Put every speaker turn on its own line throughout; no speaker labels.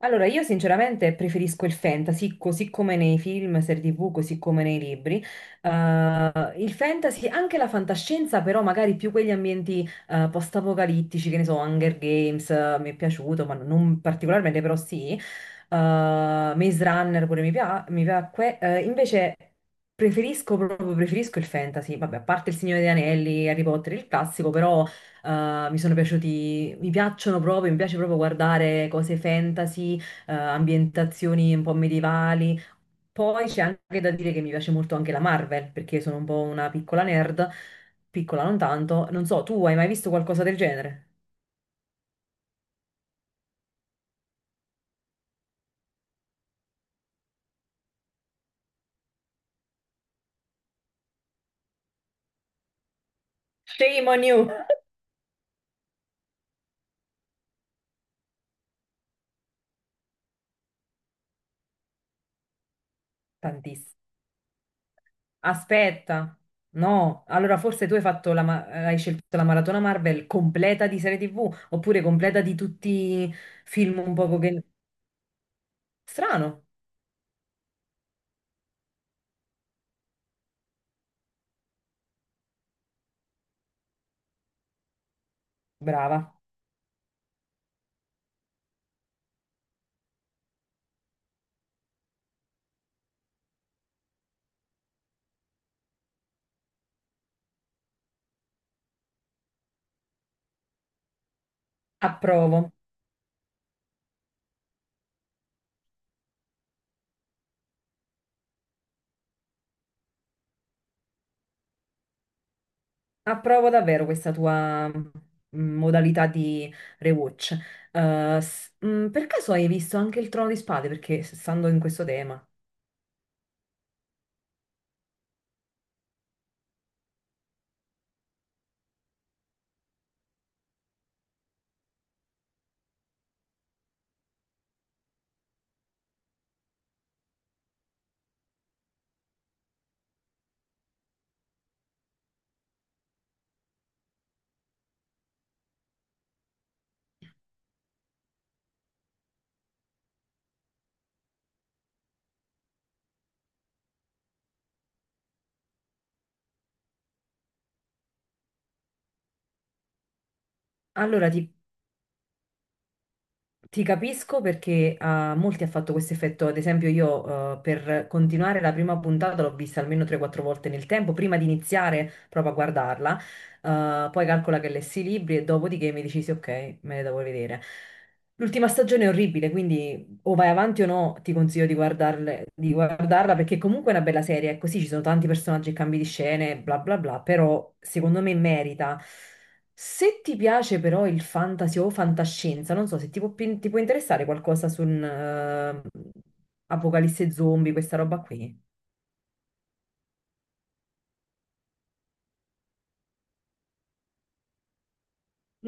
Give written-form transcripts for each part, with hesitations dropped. Allora, io sinceramente preferisco il fantasy, così come nei film, serie TV, così come nei libri. Eh, il fantasy, anche la fantascienza, però magari più quegli ambienti post-apocalittici, che ne so, Hunger Games, mi è piaciuto, ma non particolarmente, però sì. Maze Runner pure mi piacque. Invece preferisco il fantasy, vabbè, a parte Il Signore degli Anelli, Harry Potter, il classico, però... Mi sono piaciuti, mi piacciono proprio, mi piace proprio guardare cose fantasy, ambientazioni un po' medievali. Poi c'è anche da dire che mi piace molto anche la Marvel, perché sono un po' una piccola nerd, piccola non tanto. Non so, tu hai mai visto qualcosa del genere? Shame on you! Tantissimo. Aspetta, no, allora forse tu hai fatto hai scelto la maratona Marvel completa di serie TV, oppure completa di tutti i film un poco che... Strano, brava, approvo. Approvo davvero questa tua modalità di rewatch. Per caso hai visto anche il Trono di Spade? Stando in questo tema. Allora ti, Ti capisco perché a molti ha fatto questo effetto, ad esempio io per continuare la prima puntata l'ho vista almeno 3-4 volte nel tempo, prima di iniziare proprio a guardarla. Poi calcola che lessi i libri e dopodiché mi decisi ok, me le devo vedere. L'ultima stagione è orribile, quindi o vai avanti o no, ti consiglio di di guardarla perché comunque è una bella serie, è così, ci sono tanti personaggi e cambi di scene, bla bla bla, però secondo me merita. Se ti piace però il fantasy o fantascienza, non so se ti ti può interessare qualcosa su un Apocalisse zombie, questa roba qui.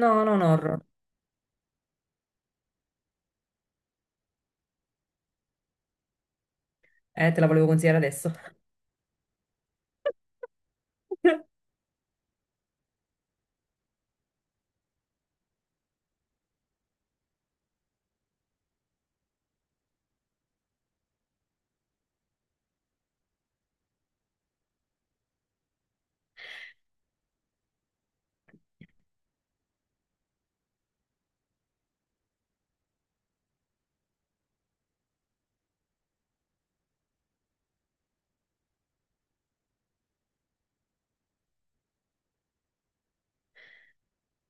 No, non horror. Te la volevo consigliare adesso.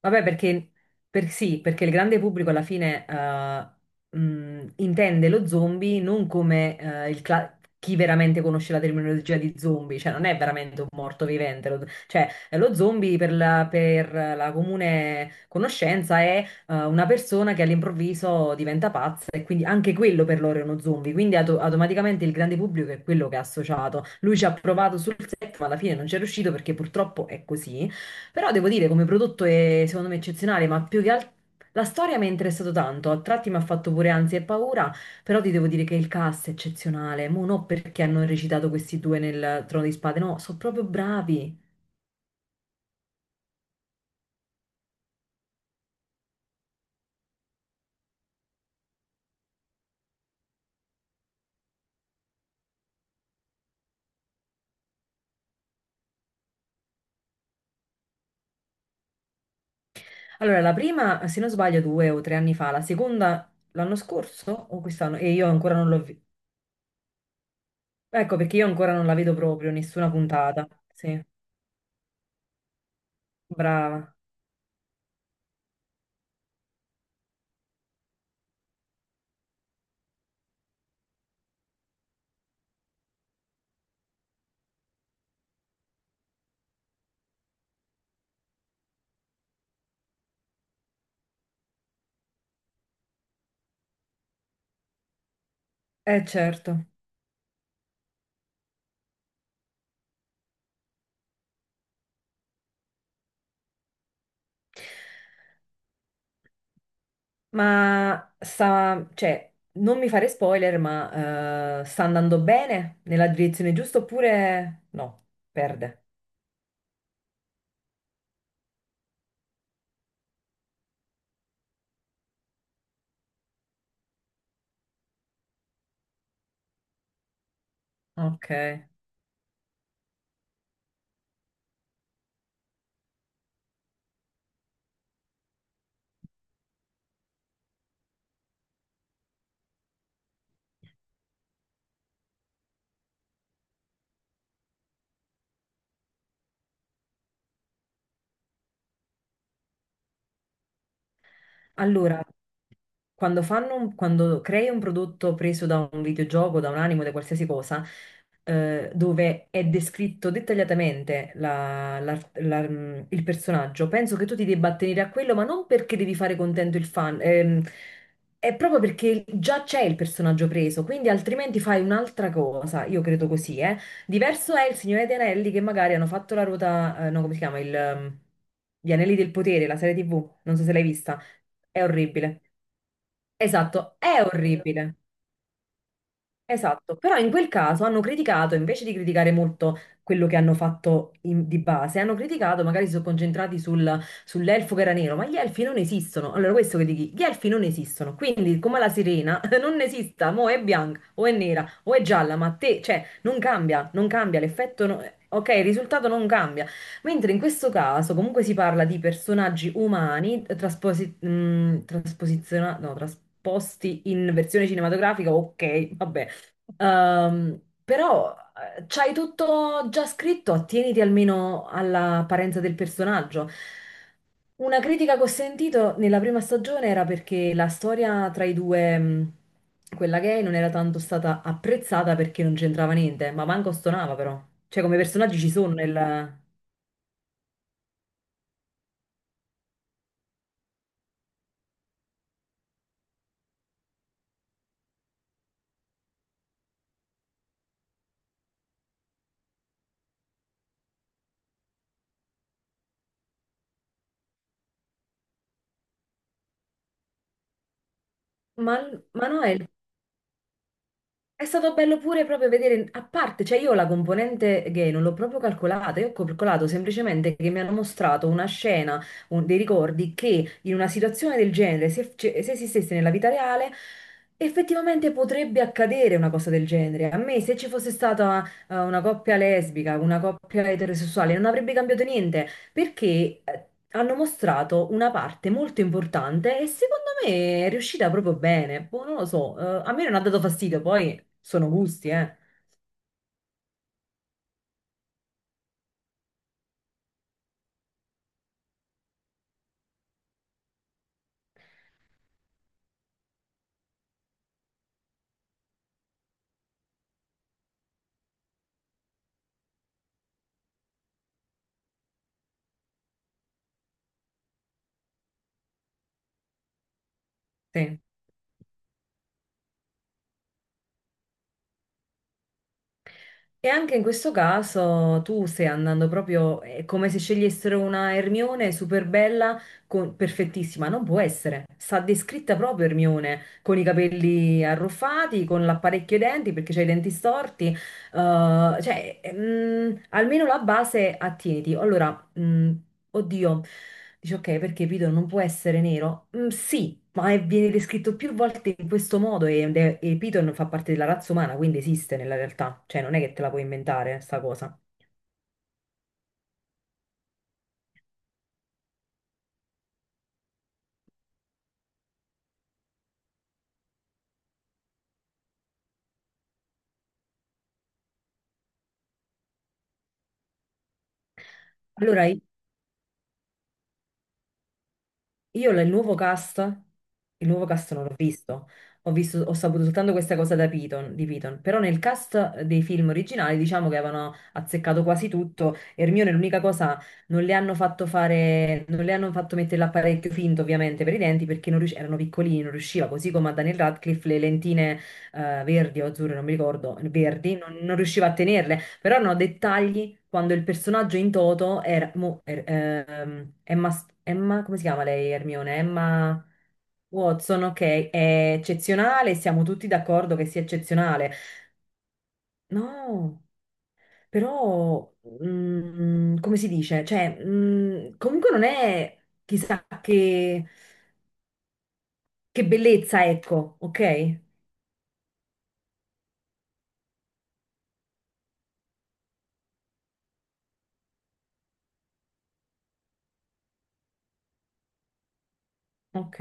Vabbè, sì, perché il grande pubblico alla fine intende lo zombie non come chi veramente conosce la terminologia di zombie, cioè non è veramente un morto vivente, cioè lo zombie per per la comune conoscenza è una persona che all'improvviso diventa pazza e quindi anche quello per loro è uno zombie, quindi automaticamente il grande pubblico è quello che ha associato. Lui ci ha provato sul set, ma alla fine non ci è riuscito perché purtroppo è così. Però devo dire, come prodotto è secondo me eccezionale, ma più che altro la storia mi è interessato tanto, a tratti mi ha fatto pure ansia e paura, però ti devo dire che il cast è eccezionale, mo non perché hanno recitato questi due nel Trono di Spade, no, sono proprio bravi. Allora, la prima, se non sbaglio, due o tre anni fa, la seconda l'anno scorso o quest'anno? E io ancora non l'ho vista. Ecco, perché io ancora non la vedo proprio, nessuna puntata. Sì, brava. Eh certo. Ma sta, cioè, non mi fare spoiler, ma sta andando bene nella direzione giusta oppure no? Perde. Ok. Allora, quando quando crei un prodotto preso da un videogioco, da un anime, da qualsiasi cosa, dove è descritto dettagliatamente il personaggio, penso che tu ti debba attenere a quello, ma non perché devi fare contento il fan, è proprio perché già c'è il personaggio preso, quindi altrimenti fai un'altra cosa, io credo così, eh. Diverso è il Signore degli Anelli che magari hanno fatto la ruota, no, come si chiama, Gli Anelli del Potere, la serie TV, non so se l'hai vista. È orribile. Esatto, è vero. Orribile. Esatto, però in quel caso hanno criticato, invece di criticare molto quello che hanno fatto di base, hanno criticato, magari si sono concentrati sull'elfo che era nero, ma gli elfi non esistono. Allora, questo che dici, gli elfi non esistono, quindi come la sirena non esista, mo è bianca o è nera o è gialla, ma te, cioè, non cambia, l'effetto, ok, il risultato non cambia. Mentre in questo caso comunque si parla di personaggi umani trasposi- trasposiziona- no, trasposti in versione cinematografica, ok, vabbè. Però c'hai tutto già scritto, attieniti almeno all'apparenza del personaggio. Una critica che ho sentito nella prima stagione era perché la storia tra i due, quella gay, non era tanto stata apprezzata perché non c'entrava niente, ma manco stonava però. Cioè come personaggi ci sono nel... Ma, ma no. È stato bello pure proprio vedere, a parte, cioè io la componente gay non l'ho proprio calcolata, io ho calcolato semplicemente che mi hanno mostrato una scena, dei ricordi che in una situazione del genere, se esistesse nella vita reale, effettivamente potrebbe accadere una cosa del genere. A me se ci fosse stata una coppia lesbica, una coppia eterosessuale, non avrebbe cambiato niente perché hanno mostrato una parte molto importante e secondo me è riuscita proprio bene. Boh, non lo so, a me non ha dato fastidio, poi sono gusti, eh. Sì. E anche in questo caso tu stai andando proprio, è come se scegliessero una Hermione super bella, perfettissima, non può essere. Sta descritta proprio Hermione, con i capelli arruffati, con l'apparecchio ai denti perché c'ha i denti storti, cioè, mm, almeno la base attieniti. Allora, mm, oddio, dice ok, perché Piton non può essere nero? Mm, sì, ma viene descritto più volte in questo modo ed e Piton fa parte della razza umana, quindi esiste nella realtà, cioè non è che te la puoi inventare sta cosa. Allora, io il nuovo cast non l'ho visto, ho saputo soltanto questa cosa da Piton, di Piton, però nel cast dei film originali diciamo che avevano azzeccato quasi tutto, Hermione l'unica cosa, non le hanno fatto fare, non le hanno fatto mettere l'apparecchio finto ovviamente per i denti perché non rius- erano piccolini, non riusciva, così come a Daniel Radcliffe le lentine verdi o azzurre, non mi ricordo, verdi, non riusciva a tenerle. Però hanno dettagli quando il personaggio in toto era... come si chiama lei, Hermione? Emma Watson, ok, è eccezionale, siamo tutti d'accordo che sia eccezionale. No, però... come si dice? Cioè, comunque non è chissà che bellezza, ecco, ok? Ok.